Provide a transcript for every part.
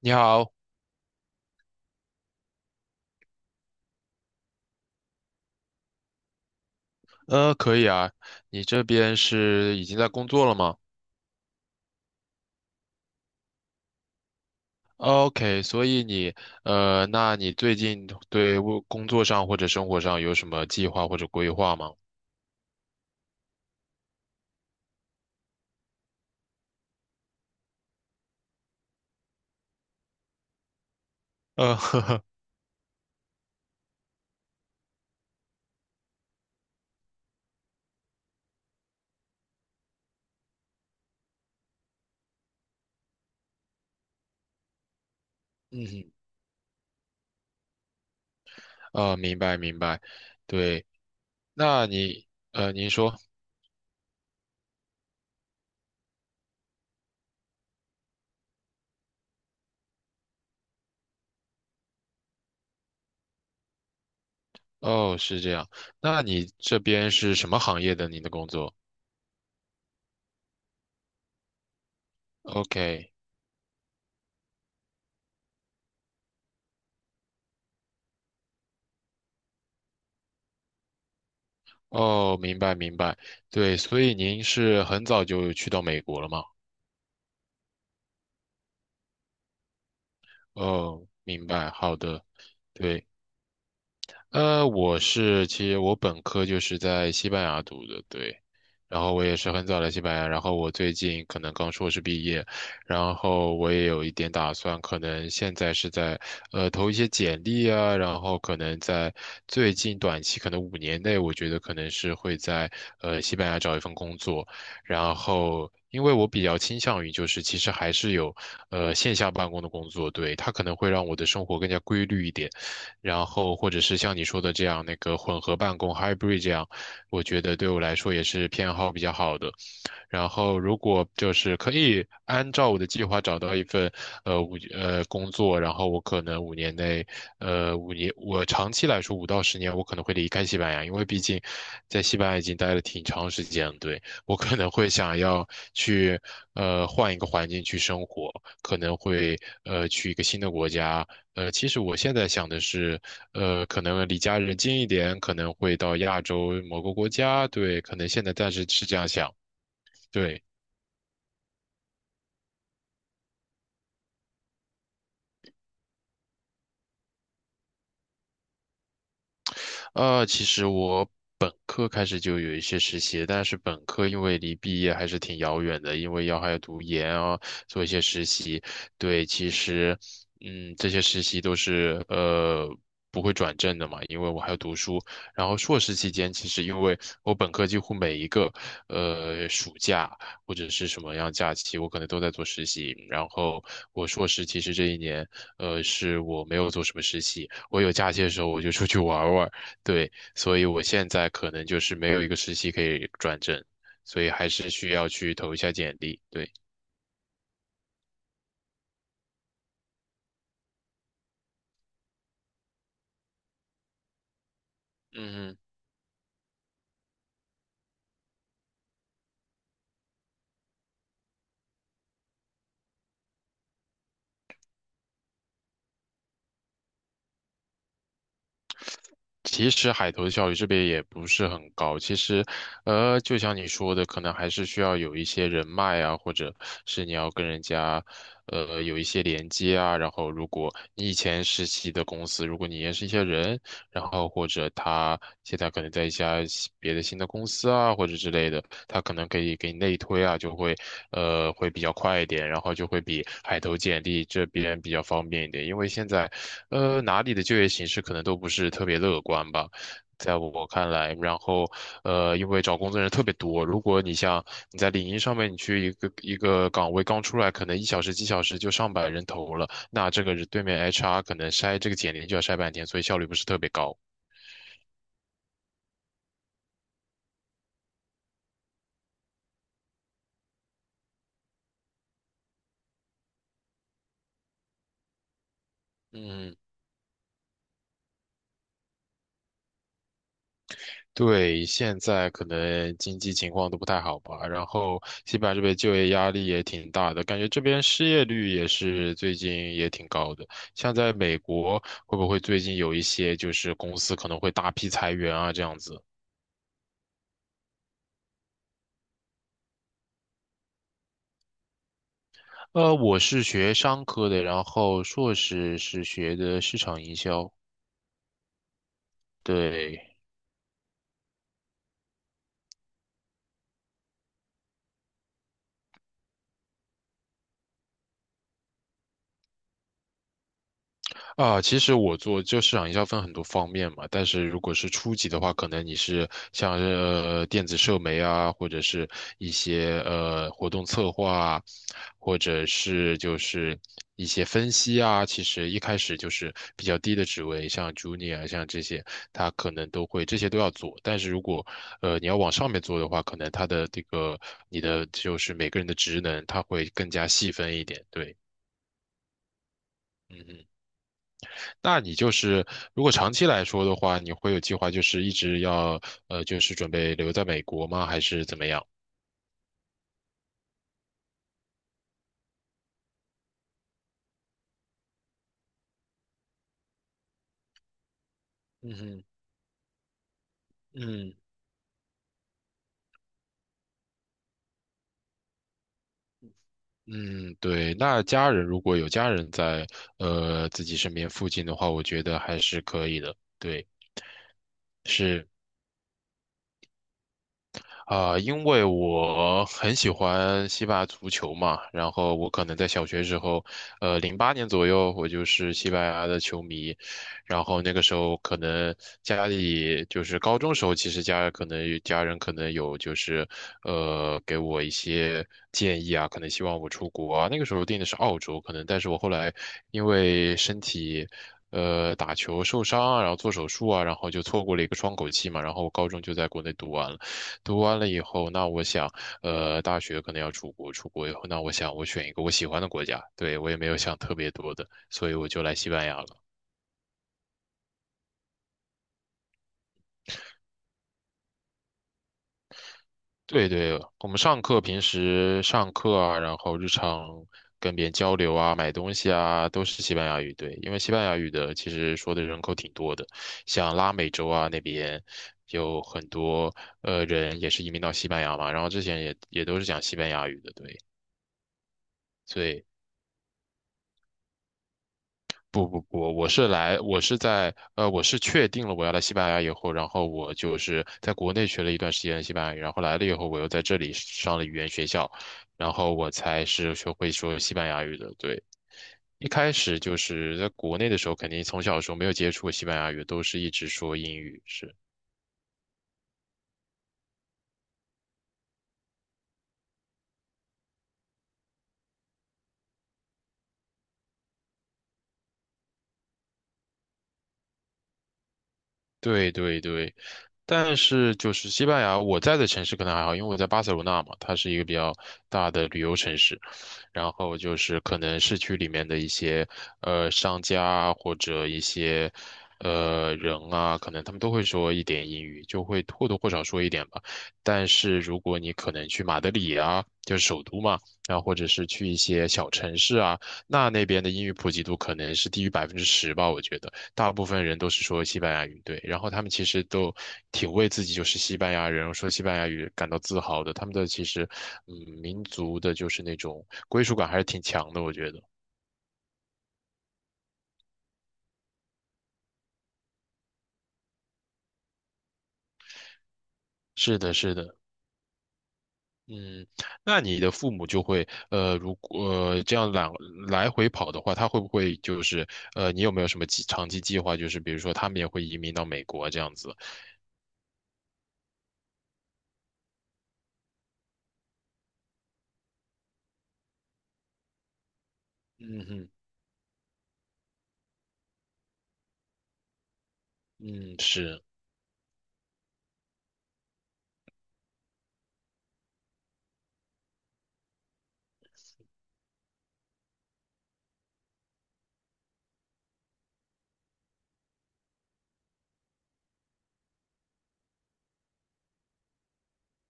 你好，可以啊，你这边是已经在工作了吗？OK，所以你，那你最近对我工作上或者生活上有什么计划或者规划吗？呵呵，嗯哼，明白明白，对，那你，您说，哦，是这样，那你这边是什么行业的？您的工作？OK，哦，明白明白，对，所以您是很早就去到美国了吗？哦，明白，好的。对。其实我本科就是在西班牙读的，对。然后我也是很早来西班牙，然后我最近可能刚硕士毕业，然后我也有一点打算，可能现在是在投一些简历啊，然后可能在最近短期可能五年内，我觉得可能是会在西班牙找一份工作，然后。因为我比较倾向于，就是其实还是有，线下办公的工作，对，它可能会让我的生活更加规律一点，然后或者是像你说的这样，那个混合办公 hybrid 这样，我觉得对我来说也是偏好比较好的。然后，如果就是可以按照我的计划找到一份呃五呃工作，然后我可能五年内，呃五年我长期来说5到10年，我可能会离开西班牙，因为毕竟在西班牙已经待了挺长时间了，对，我可能会想要去换一个环境去生活，可能会去一个新的国家。其实我现在想的是，可能离家人近一点，可能会到亚洲某个国家，对，可能现在暂时是这样想。对，其实我本科开始就有一些实习，但是本科因为离毕业还是挺遥远的，因为要还要读研啊，做一些实习。对，其实，嗯，这些实习都是不会转正的嘛，因为我还要读书。然后硕士期间，其实因为我本科几乎每一个暑假或者是什么样假期，我可能都在做实习。然后我硕士其实这一年，是我没有做什么实习。我有假期的时候我就出去玩儿玩儿，对，所以我现在可能就是没有一个实习可以转正，所以还是需要去投一下简历。对，嗯哼。其实海投的效率这边也不是很高。其实，就像你说的，可能还是需要有一些人脉啊，或者是你要跟人家，有一些连接啊。然后，如果你以前实习的公司，如果你认识一些人，然后或者他现在可能在一家别的新的公司啊，或者之类的，他可能可以给你内推啊，就会，会比较快一点，然后就会比海投简历这边比较方便一点，因为现在。哪里的就业形势可能都不是特别乐观吧，在我看来。然后，因为找工作人特别多，如果你像你在领英上面，你去一个一个岗位刚出来，可能1小时几小时就上百人投了，那这个是对面 HR 可能筛这个简历就要筛半天，所以效率不是特别高。嗯。对，现在可能经济情况都不太好吧，然后西班牙这边就业压力也挺大的，感觉这边失业率也是最近也挺高的。像在美国，会不会最近有一些就是公司可能会大批裁员啊这样子？我是学商科的，然后硕士是学的市场营销，对。啊，其实我做就市场营销分很多方面嘛，但是如果是初级的话，可能你是像是电子社媒啊，或者是一些活动策划啊，或者是就是一些分析啊，其实一开始就是比较低的职位，像 junior 啊像这些，他可能都会这些都要做。但是如果你要往上面做的话，可能他的这个你的就是每个人的职能，他会更加细分一点。对，嗯嗯。那你就是如果长期来说的话，你会有计划，就是一直要就是准备留在美国吗？还是怎么样？嗯哼，嗯嗯，对。那家人如果有家人在自己身边附近的话，我觉得还是可以的。对，是。啊、因为我很喜欢西班牙足球嘛，然后我可能在小学时候，08年左右，我就是西班牙的球迷，然后那个时候可能家里就是高中时候，其实家可能有家人可能有就是给我一些建议啊，可能希望我出国啊，那个时候定的是澳洲，可能，但是我后来因为身体。打球受伤啊，然后做手术啊，然后就错过了一个窗口期嘛，然后我高中就在国内读完了。读完了以后，那我想，大学可能要出国，出国以后，那我想我选一个我喜欢的国家，对，我也没有想特别多的，所以我就来西班牙了。对对，我们上课平时上课啊，然后日常跟别人交流啊，买东西啊，都是西班牙语，对，因为西班牙语的其实说的人口挺多的，像拉美洲啊那边有很多人也是移民到西班牙嘛，然后之前也都是讲西班牙语的，对。所以不不不，我是确定了我要来西班牙以后，然后我就是在国内学了一段时间的西班牙语，然后来了以后，我又在这里上了语言学校，然后我才是学会说西班牙语的。对，一开始就是在国内的时候，肯定从小的时候没有接触过西班牙语，都是一直说英语，是，对对对。但是就是西班牙，我在的城市可能还好，因为我在巴塞罗那嘛，它是一个比较大的旅游城市。然后就是可能市区里面的一些商家啊或者一些人啊，可能他们都会说一点英语，就会或多或少说一点吧。但是如果你可能去马德里啊，就是首都嘛，然后或者是去一些小城市啊，那那边的英语普及度可能是低于10%吧，我觉得。大部分人都是说西班牙语，对，然后他们其实都挺为自己就是西班牙人说西班牙语感到自豪的，他们的其实，嗯，民族的就是那种归属感还是挺强的，我觉得。是的，是的，嗯，那你的父母就会，如果、这样来回跑的话，他会不会就是，你有没有什么长期计划，就是比如说他们也会移民到美国这样子？嗯哼，嗯，是。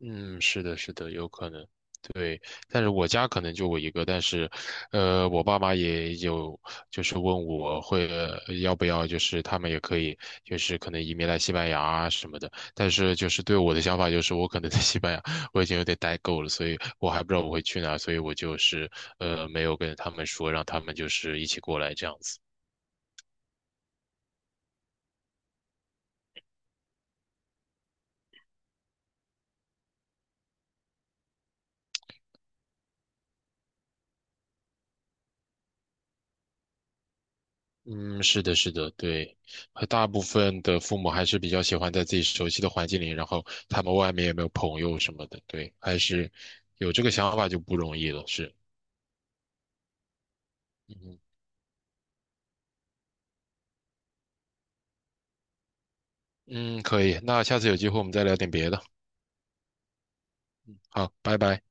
嗯，是的，是的，有可能，对。但是我家可能就我一个，但是，我爸妈也有，就是问我会，要不要，就是他们也可以，就是可能移民来西班牙啊什么的。但是就是对我的想法就是，我可能在西班牙我已经有点待够了，所以我还不知道我会去哪，所以我就是没有跟他们说，让他们就是一起过来这样子。嗯，是的，是的，对，和大部分的父母还是比较喜欢在自己熟悉的环境里，然后他们外面有没有朋友什么的，对，还是有这个想法就不容易了，是，嗯嗯，可以，那下次有机会我们再聊点别的，好，拜拜。